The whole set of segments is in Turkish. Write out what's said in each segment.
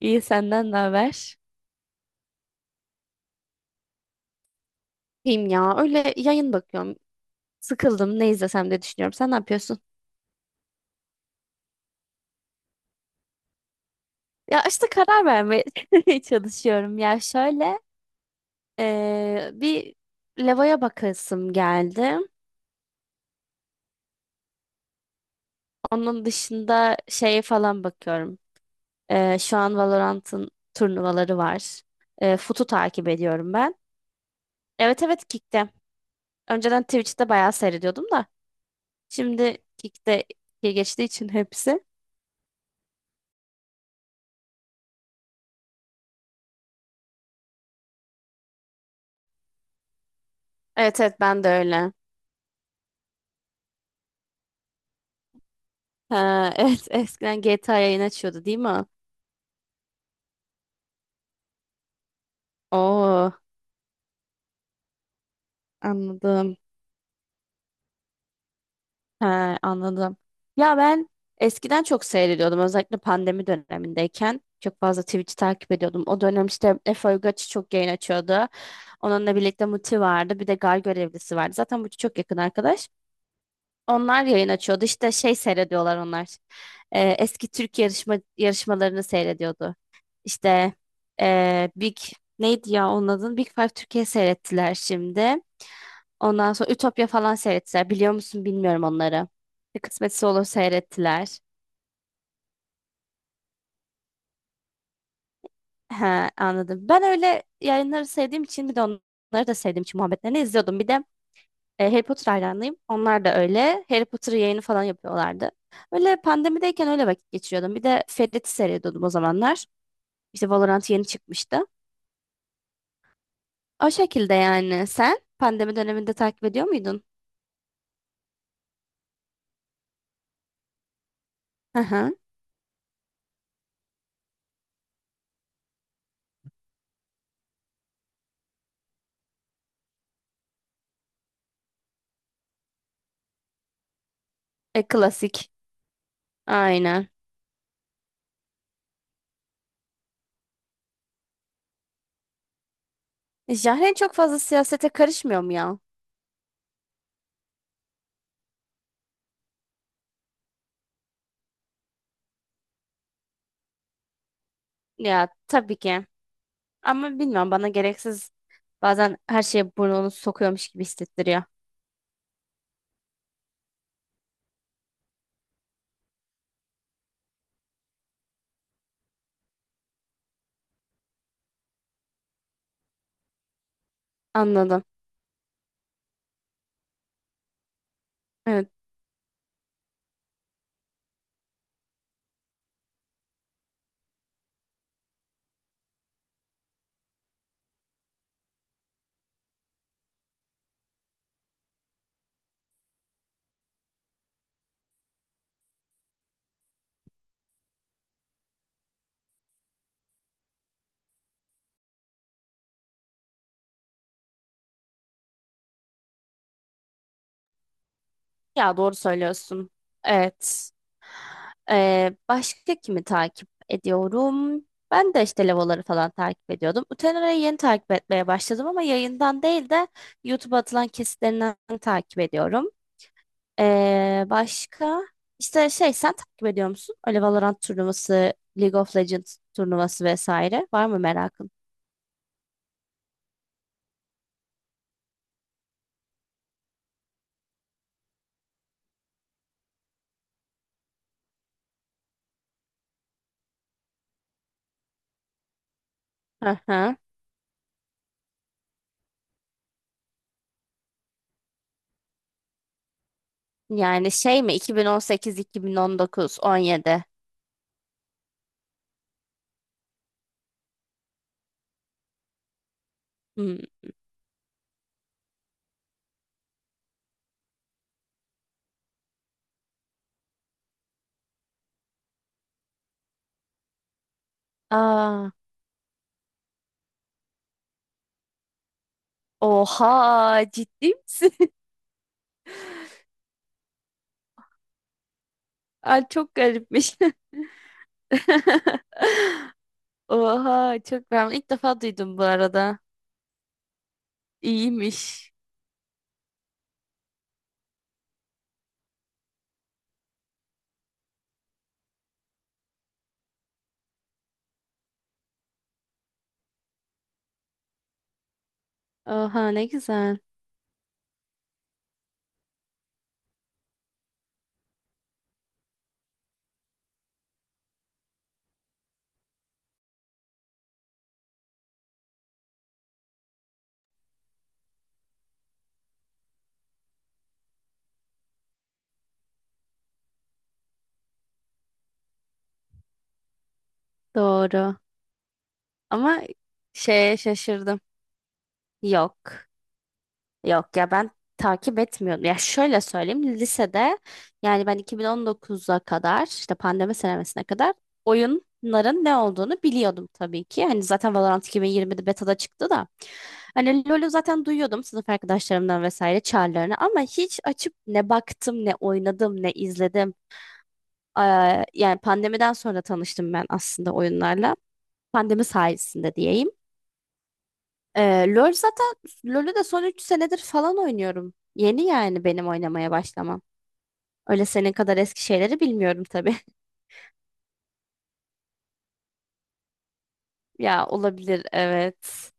İyi senden ne haber? İyiyim ya. Öyle yayın bakıyorum. Sıkıldım. Ne izlesem diye düşünüyorum. Sen ne yapıyorsun? Ya işte karar vermeye çalışıyorum. Ya şöyle bir levaya bakasım geldi. Onun dışında şeye falan bakıyorum. Şu an Valorant'ın turnuvaları var. FUT'u takip ediyorum ben. Evet evet Kick'te. Önceden Twitch'te bayağı seyrediyordum da. Şimdi Kick'te geçtiği için hepsi. Evet evet ben de öyle. Ha, evet eskiden GTA yayın açıyordu değil mi? Oo, anladım. Ha, anladım. Ya ben eskiden çok seyrediyordum özellikle pandemi dönemindeyken. Çok fazla Twitch'i takip ediyordum. O dönem işte Efe Uygaç'ı çok yayın açıyordu. Onunla birlikte Muti vardı. Bir de Gar Görevlisi vardı. Zaten Muti çok yakın arkadaş. Onlar yayın açıyordu. İşte şey seyrediyorlar onlar. Eski Türk yarışmalarını seyrediyordu. İşte Big neydi ya onun adı? Big Five Türkiye seyrettiler şimdi. Ondan sonra Ütopya falan seyrettiler. Biliyor musun bilmiyorum onları. Bir kısmetse olur seyrettiler. He, anladım. Ben öyle yayınları sevdiğim için bir de onları da sevdiğim için muhabbetlerini izliyordum. Bir de Harry Potter hayranıyım. Onlar da öyle. Harry Potter yayını falan yapıyorlardı. Öyle pandemideyken öyle vakit geçiriyordum. Bir de Ferit'i seyrediyordum o zamanlar. İşte Valorant yeni çıkmıştı. O şekilde yani. Sen pandemi döneminde takip ediyor muydun? Hı hı. Klasik. Aynen. Jahren çok fazla siyasete karışmıyor mu ya? Ya tabii ki. Ama bilmiyorum bana gereksiz bazen her şeye burnunu sokuyormuş gibi hissettiriyor. Anladım. Evet. Ya doğru söylüyorsun. Evet. Başka kimi takip ediyorum? Ben de işte Levoları falan takip ediyordum. Utenera'yı yeni takip etmeye başladım ama yayından değil de YouTube'a atılan kesitlerinden takip ediyorum. Başka işte şey sen takip ediyor musun? Öyle Valorant turnuvası, League of Legends turnuvası vesaire. Var mı merakın? Hı hı. Yani şey mi 2018, 2019, 17. Hmm. Aa, oha ciddi misin? Ay çok garipmiş. Oha çok ben ilk defa duydum bu arada. İyiymiş. Oha ne güzel. Doğru. Ama şeye şaşırdım. Yok. Yok ya ben takip etmiyordum. Ya şöyle söyleyeyim lisede yani ben 2019'a kadar işte pandemi senemesine kadar oyunların ne olduğunu biliyordum tabii ki. Hani zaten Valorant 2020'de beta'da çıktı da. Hani LoL'ü zaten duyuyordum sınıf arkadaşlarımdan vesaire çağrılarını ama hiç açıp ne baktım ne oynadım ne izledim. Yani pandemiden sonra tanıştım ben aslında oyunlarla. Pandemi sayesinde diyeyim. Eee, LoL zaten LoL'ü de son 3 senedir falan oynuyorum. Yeni yani benim oynamaya başlamam. Öyle senin kadar eski şeyleri bilmiyorum tabii. Ya olabilir evet.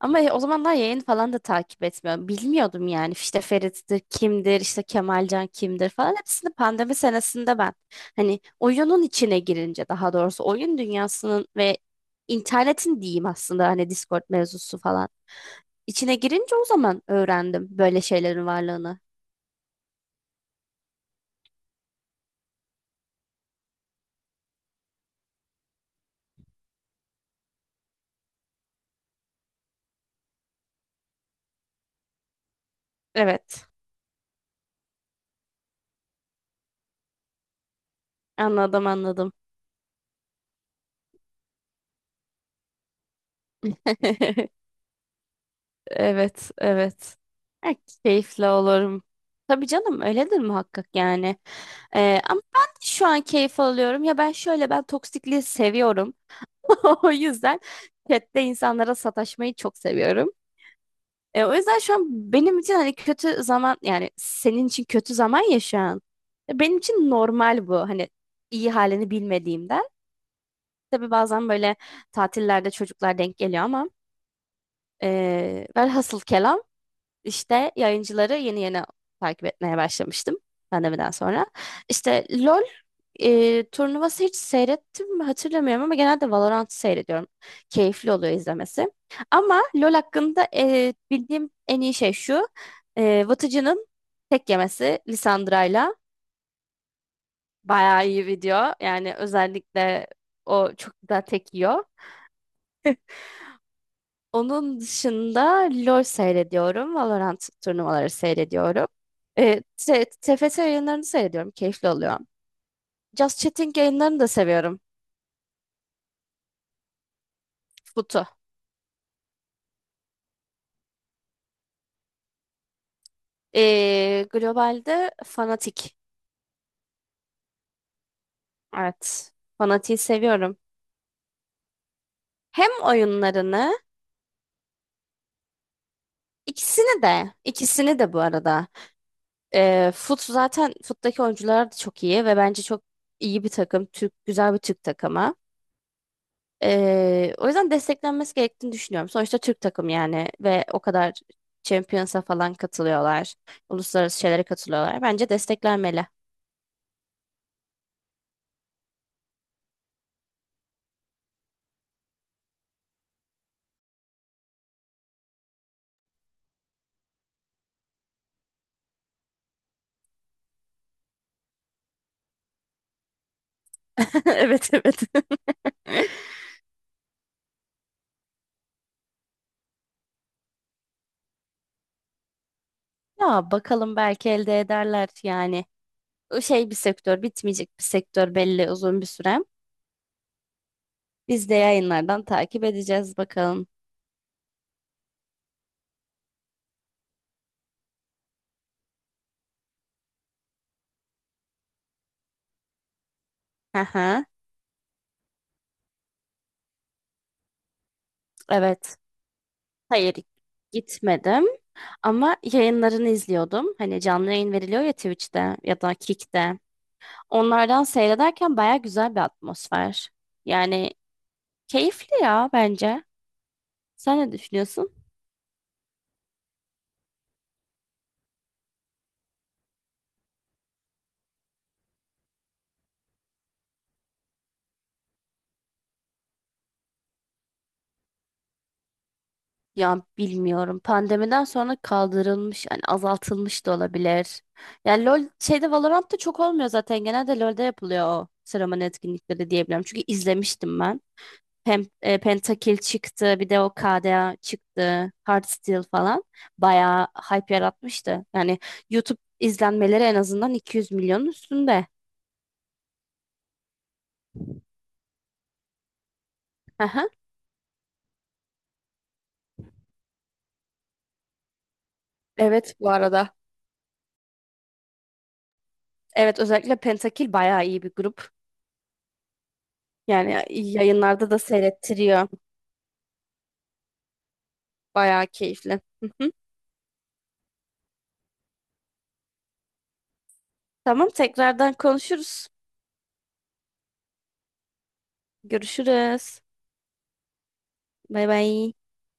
Ama o zamanlar yayın falan da takip etmiyorum. Bilmiyordum yani işte Ferit'tir, kimdir, işte Kemalcan kimdir falan. Hepsini pandemi senesinde ben hani oyunun içine girince daha doğrusu oyun dünyasının ve internetin diyeyim aslında hani Discord mevzusu falan. İçine girince o zaman öğrendim böyle şeylerin varlığını. Evet. Anladım anladım. Evet, evet. E, keyifle olurum. Tabii canım öyledir muhakkak yani. Ama ben de şu an keyif alıyorum. Ya ben şöyle ben toksikliği seviyorum. O yüzden chatte insanlara sataşmayı çok seviyorum. O yüzden şu an benim için hani kötü zaman yani senin için kötü zaman ya şu an. Benim için normal bu hani iyi halini bilmediğimden. Tabii bazen böyle tatillerde çocuklar denk geliyor ama velhasıl kelam. İşte yayıncıları yeni yeni takip etmeye başlamıştım pandemiden sonra. İşte LOL turnuvası hiç seyrettim mi hatırlamıyorum ama genelde Valorant seyrediyorum. Keyifli oluyor izlemesi. Ama LOL hakkında bildiğim en iyi şey şu. Vıtıcı'nın tek yemesi Lissandra'yla bayağı iyi video. Yani özellikle o çok güzel tek yiyor. Onun dışında LoL seyrediyorum. Valorant turnuvaları seyrediyorum. TFT yayınlarını seyrediyorum. Keyifli oluyor. Just Chatting yayınlarını da seviyorum. Futu. Globalde Fnatic. Evet. Fnatic'i seviyorum. Hem oyunlarını ikisini de ikisini de bu arada. Fut'taki oyuncular da çok iyi ve bence çok iyi bir takım. Türk, güzel bir Türk takımı. O yüzden desteklenmesi gerektiğini düşünüyorum. Sonuçta Türk takım yani ve o kadar Champions'a falan katılıyorlar. Uluslararası şeylere katılıyorlar. Bence desteklenmeli. Evet evet. Ya bakalım belki elde ederler yani. O şey bir sektör, bitmeyecek bir sektör belli uzun bir süre. Biz de yayınlardan takip edeceğiz bakalım. Aha, evet. Hayır gitmedim ama yayınlarını izliyordum. Hani canlı yayın veriliyor ya Twitch'te ya da Kick'te. Onlardan seyrederken baya güzel bir atmosfer. Yani keyifli ya bence. Sen ne düşünüyorsun? Ya bilmiyorum. Pandemiden sonra kaldırılmış, yani azaltılmış da olabilir. Yani LoL şeyde Valorant'ta çok olmuyor zaten. Genelde LoL'de yapılıyor o seremoni etkinlikleri diyebilirim. Çünkü izlemiştim ben. Pentakill çıktı, bir de o KDA çıktı, Hearthstone falan. Bayağı hype yaratmıştı. Yani YouTube izlenmeleri en azından 200 milyonun üstünde. Evet bu arada. Evet özellikle Pentakil bayağı iyi bir grup. Yani yayınlarda da seyrettiriyor. Bayağı keyifli. Hı hı. Tamam tekrardan konuşuruz. Görüşürüz. Bay bay.